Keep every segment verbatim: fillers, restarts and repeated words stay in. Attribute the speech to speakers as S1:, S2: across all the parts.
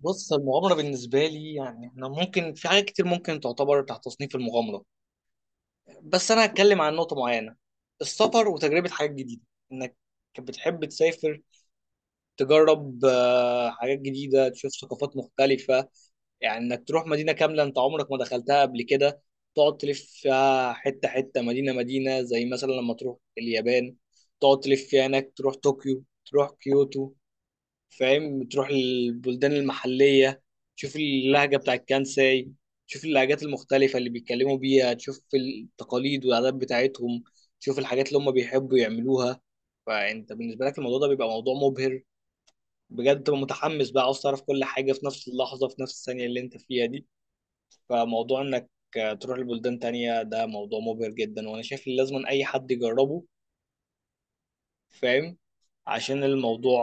S1: بص، المغامرة بالنسبة لي يعني احنا ممكن في حاجات كتير ممكن تعتبر تحت تصنيف المغامرة. بس انا هتكلم عن نقطة معينة، السفر وتجربة حاجات جديدة، انك بتحب تسافر، تجرب آه، حاجات جديدة، تشوف ثقافات مختلفة. يعني انك تروح مدينة كاملة انت عمرك ما دخلتها قبل كده، تقعد تلف فيها حتة حتة، مدينة مدينة، زي مثلا لما تروح اليابان تقعد تلف فيها هناك، تروح طوكيو، تروح كيوتو. فاهم؟ تروح البلدان المحلية، تشوف اللهجة بتاع الكانساي، تشوف اللهجات المختلفة اللي بيتكلموا بيها، تشوف التقاليد والعادات بتاعتهم، تشوف الحاجات اللي هم بيحبوا يعملوها. فأنت بالنسبة لك الموضوع ده بيبقى موضوع مبهر بجد، تبقى متحمس بقى، عاوز تعرف كل حاجة في نفس اللحظة، في نفس الثانية اللي أنت فيها دي. فموضوع إنك تروح لبلدان تانية ده موضوع مبهر جدا، وأنا شايف إن لازم أي حد يجربه، فاهم؟ عشان الموضوع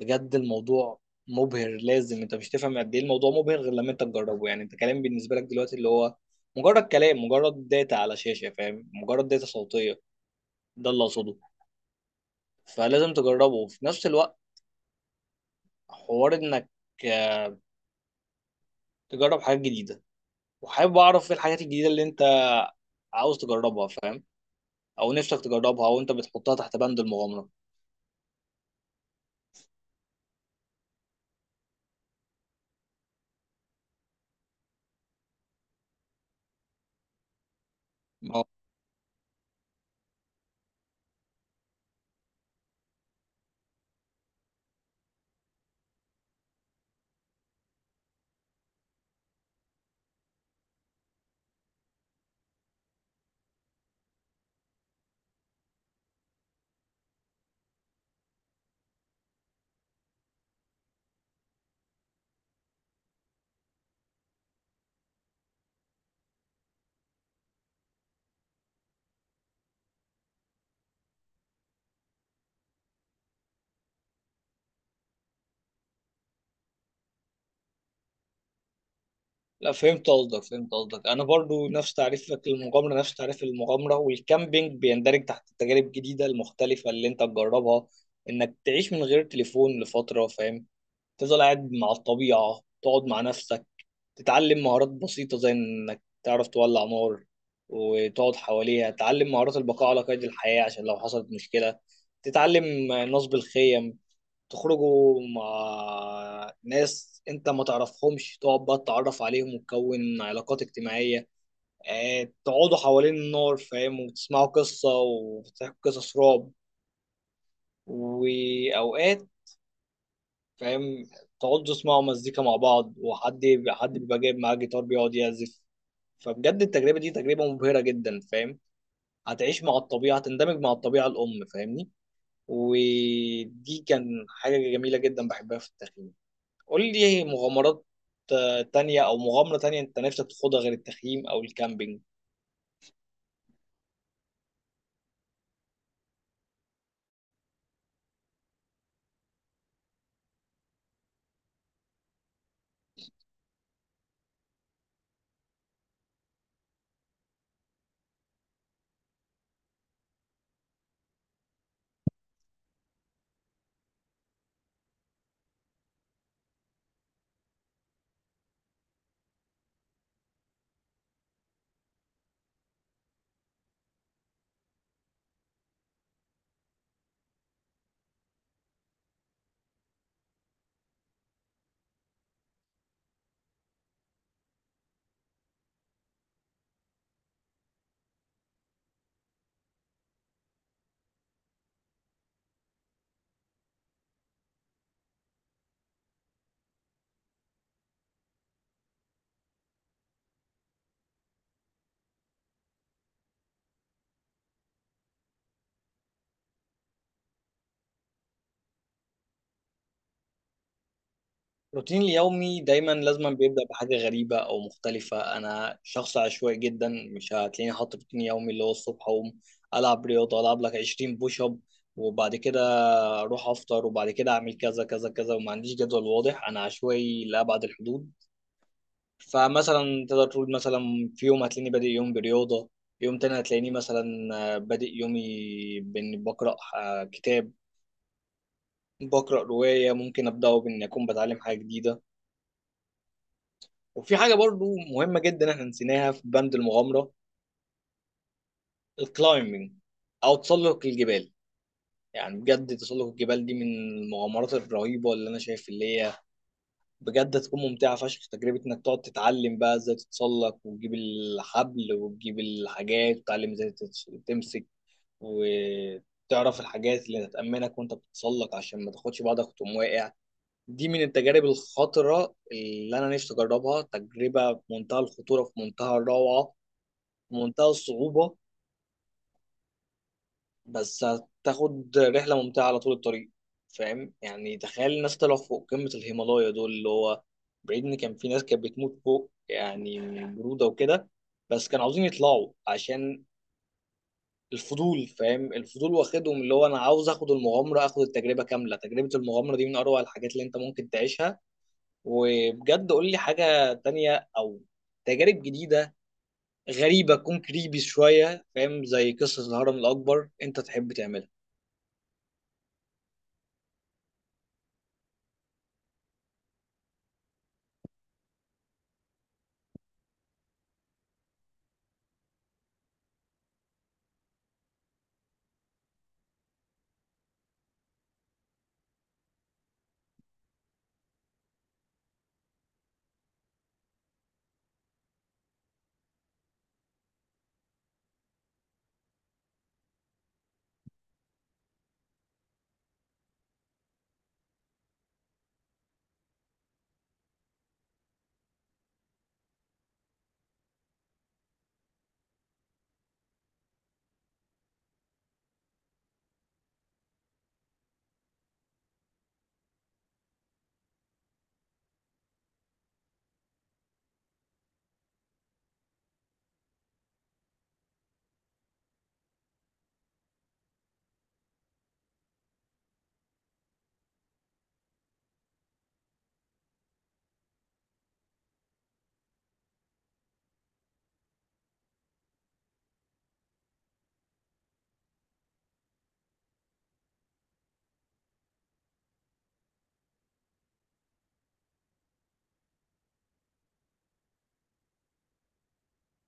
S1: بجد، الموضوع مبهر، لازم انت مش تفهم قد ايه الموضوع مبهر غير لما انت تجربه. يعني انت كلام بالنسبه لك دلوقتي اللي هو مجرد كلام، مجرد داتا على شاشه، فاهم؟ مجرد داتا صوتيه، ده اللي اقصده. فلازم تجربه. وفي نفس الوقت حوار انك تجرب حاجات جديده، وحابب اعرف ايه الحاجات الجديده اللي انت عاوز تجربها، فاهم؟ او نفسك تجربها، او انت بتحطها تحت بند المغامره. لا، فهمت قصدك، فهمت قصدك. انا برضو نفس تعريفك للمغامره، نفس تعريف المغامره، والكامبينج بيندرج تحت التجارب الجديده المختلفه اللي انت تجربها، انك تعيش من غير تليفون لفتره، فاهم؟ تفضل قاعد مع الطبيعه، تقعد مع نفسك، تتعلم مهارات بسيطه زي انك تعرف تولع نار وتقعد حواليها، تتعلم مهارات البقاء على قيد الحياه عشان لو حصلت مشكله، تتعلم نصب الخيم، تخرجوا مع ناس انت ما تعرفهمش، تقعد بقى تتعرف عليهم وتكون علاقات اجتماعية. اه، تقعدوا حوالين النار، فاهم، وتسمعوا قصة وتحكوا قصص رعب، وأوقات، فاهم، تقعدوا تسمعوا مزيكا مع بعض. وحد حد بيبقى جايب معاه جيتار بيقعد يعزف. فبجد التجربة دي تجربة مبهرة جدا، فاهم؟ هتعيش مع الطبيعة، هتندمج مع الطبيعة الأم، فاهمني؟ ودي كان حاجة جميلة جدا بحبها في التخييم. قول لي مغامرات آه، تانية، أو مغامرة تانية أنت نفسك تخوضها غير التخييم أو الكامبينج. روتيني اليومي دايما لازم بيبدأ بحاجة غريبة أو مختلفة. أنا شخص عشوائي جدا، مش هتلاقيني حاطط روتين يومي اللي هو الصبح أقوم ألعب رياضة، ألعب لك عشرين بوش أب، وبعد كده أروح أفطر، وبعد كده أعمل كذا كذا كذا. وما عنديش جدول واضح، أنا عشوائي لأبعد الحدود. فمثلا تقدر تقول مثلا، في يوم هتلاقيني بادئ يوم برياضة، يوم تاني هتلاقيني مثلا آه، بادئ يومي بإني بقرأ آه، كتاب، بقرأ رواية. ممكن أبدأه بإني أكون بتعلم حاجة جديدة. وفي حاجة برضو مهمة جدا إحنا نسيناها في بند المغامرة، الكلايمبينج أو تسلق الجبال. يعني بجد تسلق الجبال دي من المغامرات الرهيبة اللي أنا شايف اللي هي بجد هتكون ممتعة فشخ. تجربة إنك تقعد تتعلم بقى إزاي تتسلق وتجيب الحبل وتجيب الحاجات، وتتعلم إزاي تتس- تمسك وتعرف الحاجات اللي هتأمنك وانت بتتسلق عشان ما تاخدش بعضك وتقوم واقع. دي من التجارب الخطرة اللي أنا نفسي أجربها، تجربة في منتهى الخطورة، في منتهى الروعة، في منتهى الصعوبة، بس هتاخد رحلة ممتعة على طول الطريق، فاهم؟ يعني تخيل الناس طلعوا فوق قمة الهيمالايا دول اللي هو بعيد، إن كان في ناس كانت بتموت فوق يعني من البرودة وكده، بس كانوا عاوزين يطلعوا عشان الفضول، فاهم؟ الفضول واخدهم، اللي هو انا عاوز اخد المغامره، اخد التجربه كامله. تجربه المغامره دي من اروع الحاجات اللي انت ممكن تعيشها. وبجد قول لي حاجه تانية او تجارب جديده غريبه، تكون كريبي شويه، فاهم؟ زي قصه الهرم الاكبر انت تحب تعملها.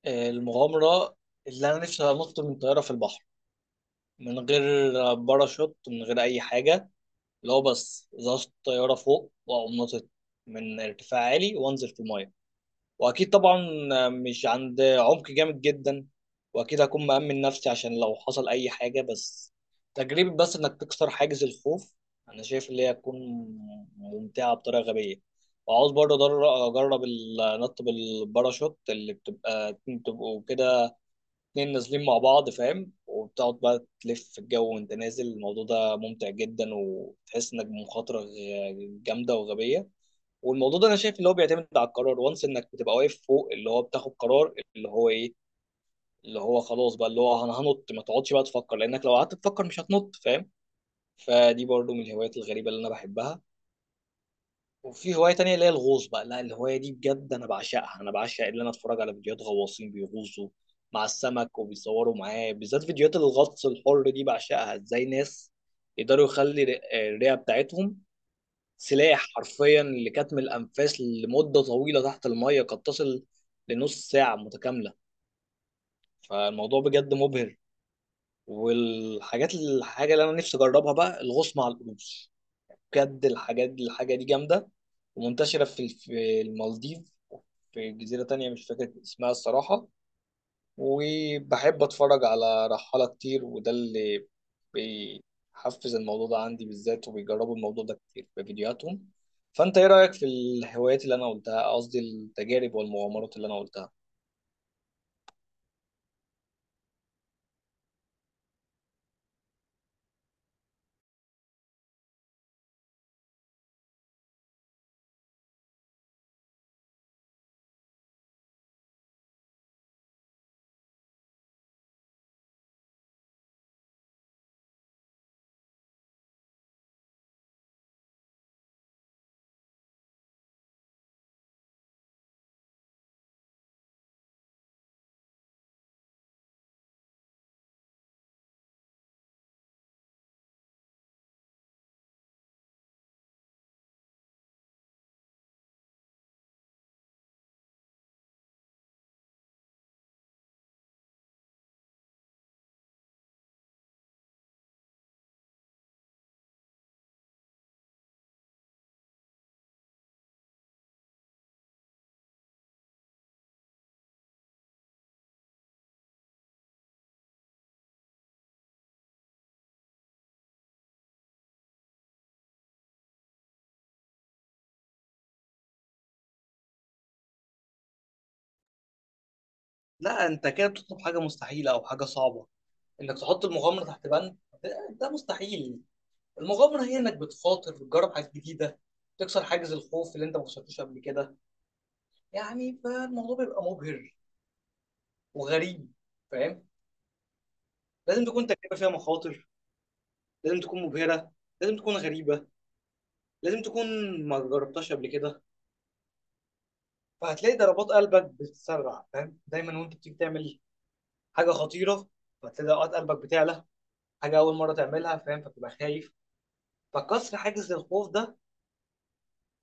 S1: آه، المغامره اللي انا نفسي انط من طياره في البحر، من غير باراشوت، من غير اي حاجه. اللي هو بس ظبط طياره فوق واقوم ناطط من ارتفاع عالي وانزل في الميه. واكيد طبعا مش عند عمق جامد جدا، واكيد هكون مأمن نفسي عشان لو حصل اي حاجة، بس تجربة بس انك تكسر حاجز الخوف، انا شايف اللي هي هتكون ممتعة بطريقة غبية. وعاوز برضه أدر- اجرب النط بالباراشوت اللي بتبقى اتنين- بتبقوا كده اتنين نازلين مع بعض، فاهم؟ وبتقعد بقى تلف في الجو وانت نازل. الموضوع ده ممتع جدا، وتحس انك بمخاطرة غ- جامدة وغبية. والموضوع ده انا شايف اللي هو بيعتمد على القرار، وانس انك بتبقى واقف فوق اللي هو بتاخد قرار اللي هو ايه، اللي هو خلاص بقى اللي هو انا هنط، ما تقعدش بقى تفكر، لانك لو قعدت تفكر مش هتنط، فاهم؟ فدي برضو من الهوايات الغريبة اللي انا بحبها. وفي هواية تانية اللي هي الغوص بقى، لا الهواية دي بجد انا بعشقها. انا بعشق اللي انا اتفرج على فيديوهات غواصين بيغوصوا مع السمك وبيصوروا معاه، بالذات فيديوهات الغطس الحر دي، بعشقها. ازاي ناس يقدروا يخلي الرئة بتاعتهم سلاح حرفيا لكتم الانفاس لمده طويله تحت الميه قد تصل لنص ساعه متكامله؟ فالموضوع بجد مبهر. والحاجات الحاجه اللي انا نفسي اجربها بقى الغوص مع القروش. بجد الحاجات الحاجه دي جامده، ومنتشره في في المالديف، في جزيره تانية مش فاكر اسمها الصراحه. وبحب اتفرج على رحالة كتير، وده اللي بيحفز الموضوع ده عندي بالذات، وبيجربوا الموضوع ده كتير في فيديوهاتهم. فانت ايه رأيك في الهوايات اللي انا قلتها، قصدي التجارب والمغامرات اللي انا قلتها؟ لا، انت كده بتطلب حاجه مستحيله او حاجه صعبه، انك تحط المغامره تحت بند، ده ده مستحيل. المغامره هي انك بتخاطر، بتجرب حاجات جديده، تكسر حاجز الخوف اللي انت ما كسرتوش قبل كده يعني، فالموضوع بيبقى مبهر وغريب، فاهم؟ لازم تكون تجربه فيها مخاطر، لازم تكون مبهرة، لازم تكون غريبة، لازم تكون ما جربتهاش قبل كده. فهتلاقي ضربات قلبك بتتسرع، فاهم؟ دايما وانت بتيجي تعمل حاجة خطيرة فهتلاقي ضربات قلبك بتعلى، حاجة أول مرة تعملها، فاهم؟ فبتبقى خايف. فكسر حاجز الخوف ده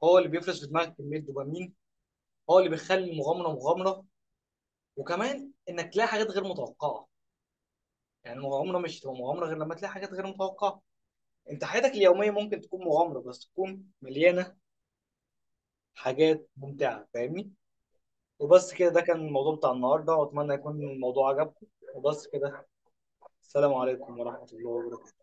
S1: هو اللي بيفرز في دماغك كمية دوبامين، هو اللي بيخلي المغامرة مغامرة. وكمان إنك تلاقي حاجات غير متوقعة، يعني المغامرة مش هتبقى مغامرة غير لما تلاقي حاجات غير متوقعة. انت حياتك اليومية ممكن تكون مغامرة بس تكون مليانة حاجات ممتعة، فاهمني؟ وبس كده، ده كان الموضوع بتاع النهارده، واتمنى يكون الموضوع عجبكم. وبس كده، السلام عليكم ورحمة الله وبركاته.